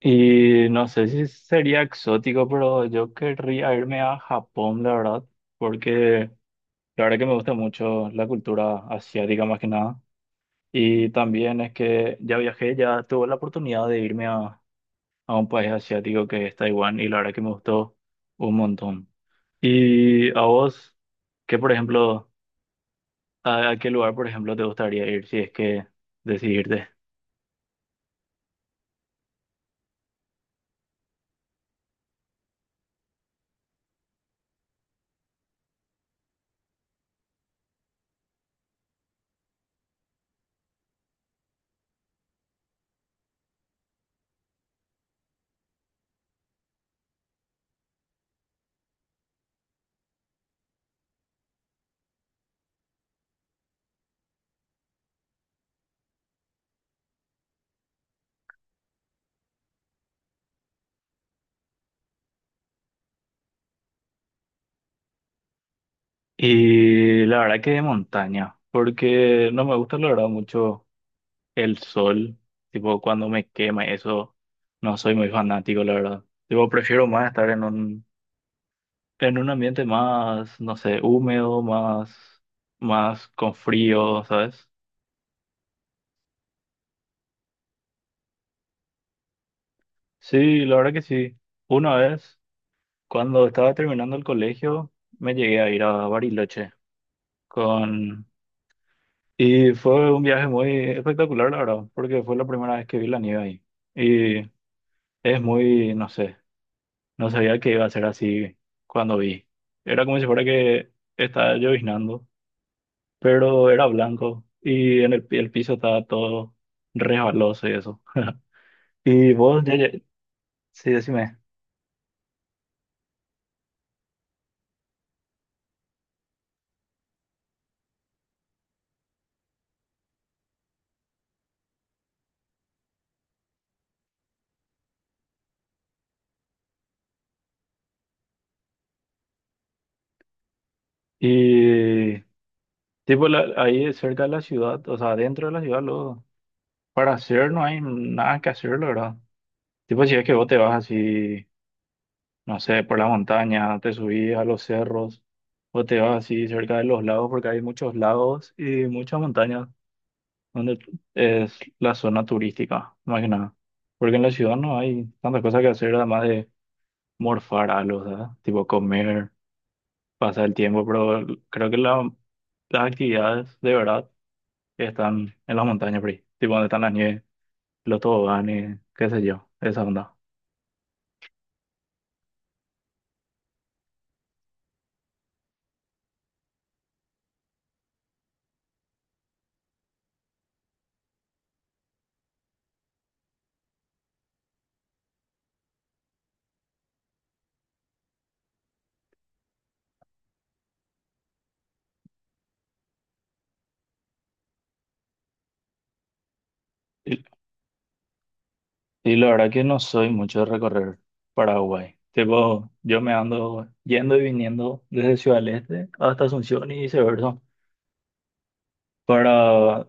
Y no sé si sería exótico, pero yo querría irme a Japón, la verdad, porque la verdad que me gusta mucho la cultura asiática más que nada. Y también es que ya viajé, ya tuve la oportunidad de irme a un país asiático que es Taiwán y la verdad que me gustó un montón. ¿Y a vos, qué por ejemplo, a qué lugar por ejemplo te gustaría ir si es que decidirte? Y la verdad que de montaña, porque no me gusta, la verdad, mucho el sol, tipo cuando me quema, eso no soy muy fanático, la verdad. Tipo, prefiero más estar en un ambiente más, no sé, húmedo, más, más con frío, ¿sabes? Sí, la verdad que sí. Una vez, cuando estaba terminando el colegio, me llegué a ir a Bariloche con... Y fue un viaje muy espectacular, la verdad, porque fue la primera vez que vi la nieve ahí. Y es muy, no sé. No sabía que iba a ser así cuando vi. Era como si fuera que estaba lloviznando, pero era blanco y el piso estaba todo resbaloso y eso. Y vos, sí, decime. Y ahí cerca de la ciudad, o sea, dentro de la ciudad, luego, para hacer no hay nada que hacer, la verdad. Tipo si es que vos te vas así, no sé, por la montaña, te subís a los cerros, o te vas así cerca de los lagos, porque hay muchos lagos y muchas montañas donde es la zona turística, más que nada. Porque en la ciudad no hay tantas cosas que hacer, además de morfar algo, ¿sabes? Tipo comer, pasar el tiempo, pero creo que las actividades de verdad están en las montañas, por ahí. Tipo donde están las nieves, los toboganes, qué sé yo, esa onda. Y, y la verdad que no soy mucho de recorrer Paraguay. Tipo, yo me ando yendo y viniendo desde Ciudad del Este hasta Asunción y viceversa para...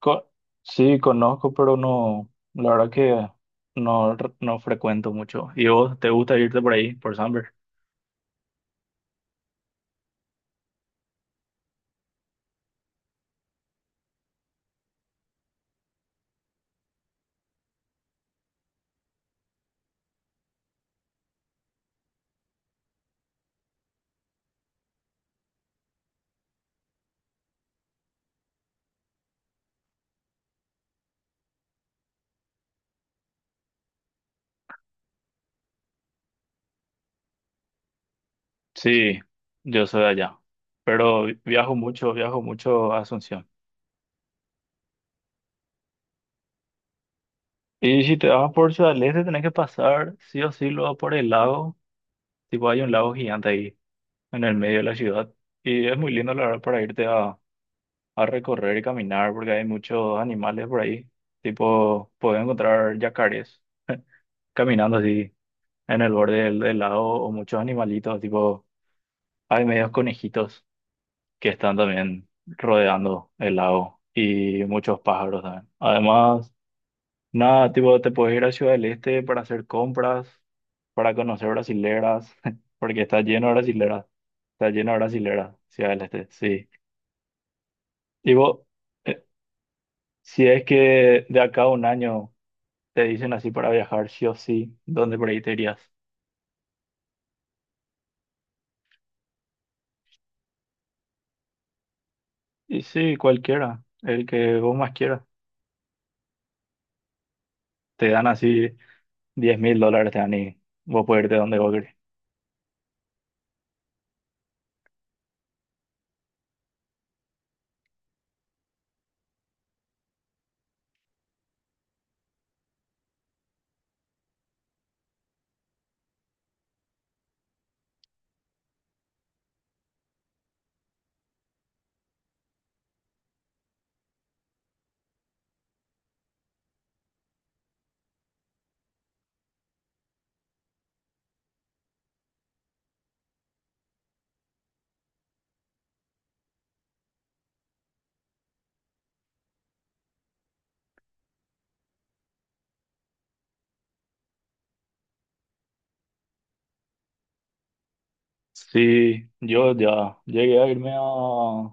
Co- sí, conozco, pero no, la verdad que no, no frecuento mucho. ¿Y vos te gusta irte por ahí, por Samber? Sí, yo soy de allá, pero viajo mucho a Asunción. Y si te vas por Ciudad del Este, tenés que pasar sí o sí luego por el lago, tipo hay un lago gigante ahí en el medio de la ciudad. Y es muy lindo, la verdad, para irte a recorrer y caminar, porque hay muchos animales por ahí, tipo, puedes encontrar yacarés caminando así en el borde del lago, o muchos animalitos, tipo, hay medios conejitos que están también rodeando el lago y muchos pájaros también. Además, nada, tipo, te puedes ir a Ciudad del Este para hacer compras, para conocer brasileras, porque está lleno de brasileras, está lleno de brasileras, Ciudad del Este, sí. Tipo, eh, si es que de acá a un año te dicen así para viajar, sí o sí, ¿dónde por ahí te irías? Y sí, cualquiera, el que vos más quieras. Te dan así $10,000, Dani. Vos podés irte donde vos querés. Sí, yo ya llegué a irme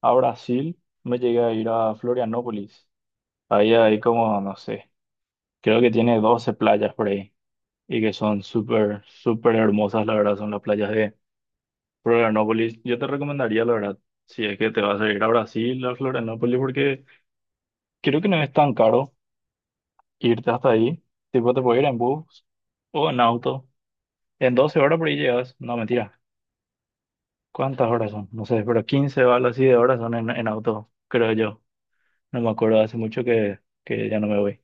a Brasil, me llegué a ir a Florianópolis. Ahí hay como, no sé, creo que tiene 12 playas por ahí y que son súper, súper hermosas, la verdad, son las playas de Florianópolis. Yo te recomendaría, la verdad, si es que te vas a ir a Brasil, a Florianópolis, porque creo que no es tan caro irte hasta ahí. Tipo, te puedes ir en bus o en auto. En 12 horas por ahí llegas. No, mentira. ¿Cuántas horas son? No sé, pero 15 o algo así de horas son en auto, creo yo. No me acuerdo, hace mucho que ya no me voy.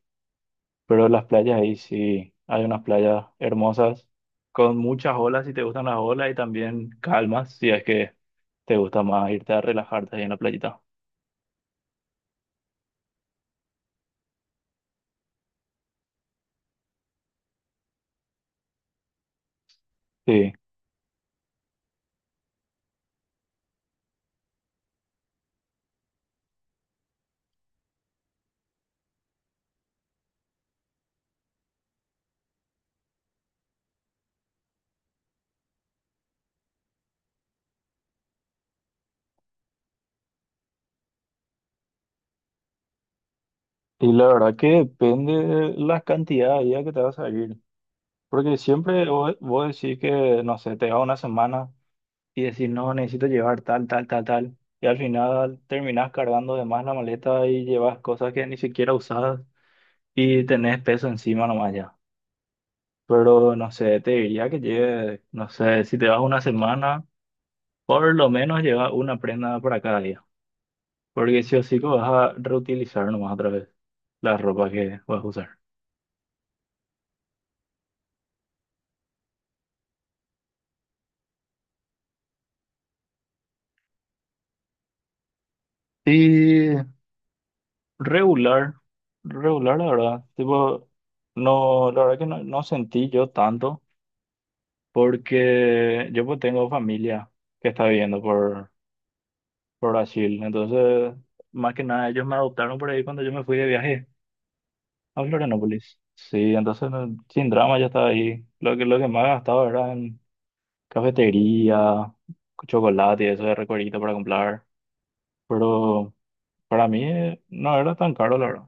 Pero las playas ahí sí, hay unas playas hermosas, con muchas olas si te gustan las olas y también calmas si es que te gusta más irte a relajarte ahí en la playita. Sí, y la verdad que depende de la cantidad de días que te vas a ir. Porque siempre vos decís que, no sé, te vas una semana. Y decir, no, necesito llevar tal, tal, tal, tal. Y al final terminás cargando de más la maleta y llevas cosas que ni siquiera usabas y tenés peso encima nomás ya. Pero no sé, te diría que lleves, no sé, si te vas una semana, por lo menos lleva una prenda para cada día. Porque sí o sí que vas a reutilizar nomás otra vez la ropa que vas a usar. Y regular, regular la verdad, tipo, no, la verdad que no, no sentí yo tanto. Porque yo pues tengo familia que está viviendo por Brasil, entonces más que nada ellos me adoptaron por ahí cuando yo me fui de viaje a Florianópolis. Sí, entonces no, sin drama ya estaba ahí. Lo que más gastaba era en cafetería, chocolate y eso de recorrido para comprar. Pero para mí, no era tan caro, la verdad.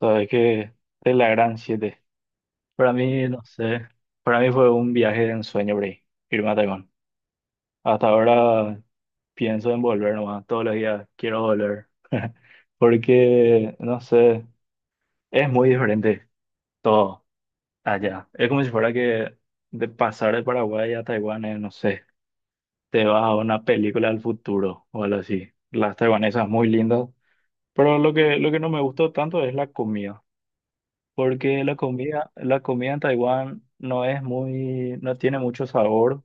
Sabes que de la gran siete. Para mí, no sé, para mí fue un viaje de ensueño por ahí, irme a Taiwán. Hasta ahora pienso en volver nomás, todos los días quiero volver, porque, no sé, es muy diferente todo allá. Es como si fuera que de pasar de Paraguay a Taiwán, es, no sé, te vas a una película del futuro o algo así. Las taiwanesas muy lindas, pero lo que no me gustó tanto es la comida, porque la comida en Taiwán no es muy, no tiene mucho sabor.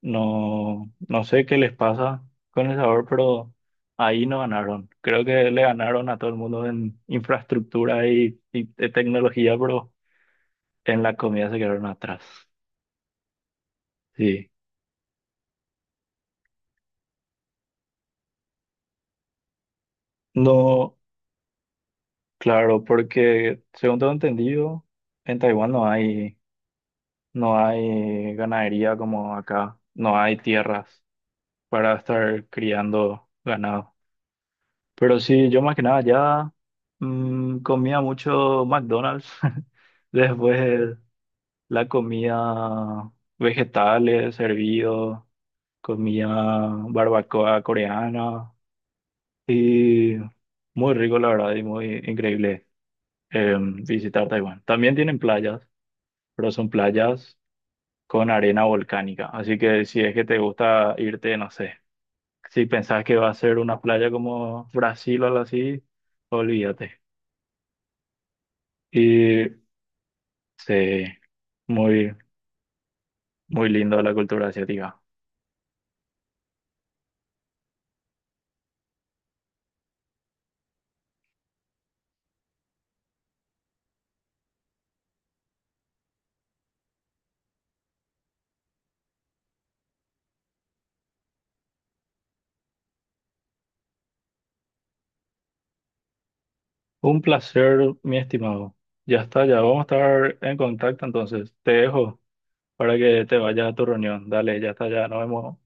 No, no sé qué les pasa con el sabor, pero ahí no ganaron. Creo que le ganaron a todo el mundo en infraestructura y tecnología, pero en la comida se quedaron atrás. Sí. No, claro, porque según tengo entendido, en Taiwán no hay, no hay ganadería como acá. No hay tierras para estar criando ganado. Pero sí, yo más que nada ya comía mucho McDonald's. Después la comida, vegetales, servido, comía barbacoa coreana y muy rico la verdad y muy increíble, visitar Taiwán. También tienen playas, pero son playas con arena volcánica. Así que si es que te gusta irte, no sé, si pensás que va a ser una playa como Brasil o algo así, olvídate. Y sí, muy, muy lindo la cultura asiática. Un placer, mi estimado. Ya está, ya vamos a estar en contacto entonces. Te dejo para que te vayas a tu reunión. Dale, ya está, ya nos vemos.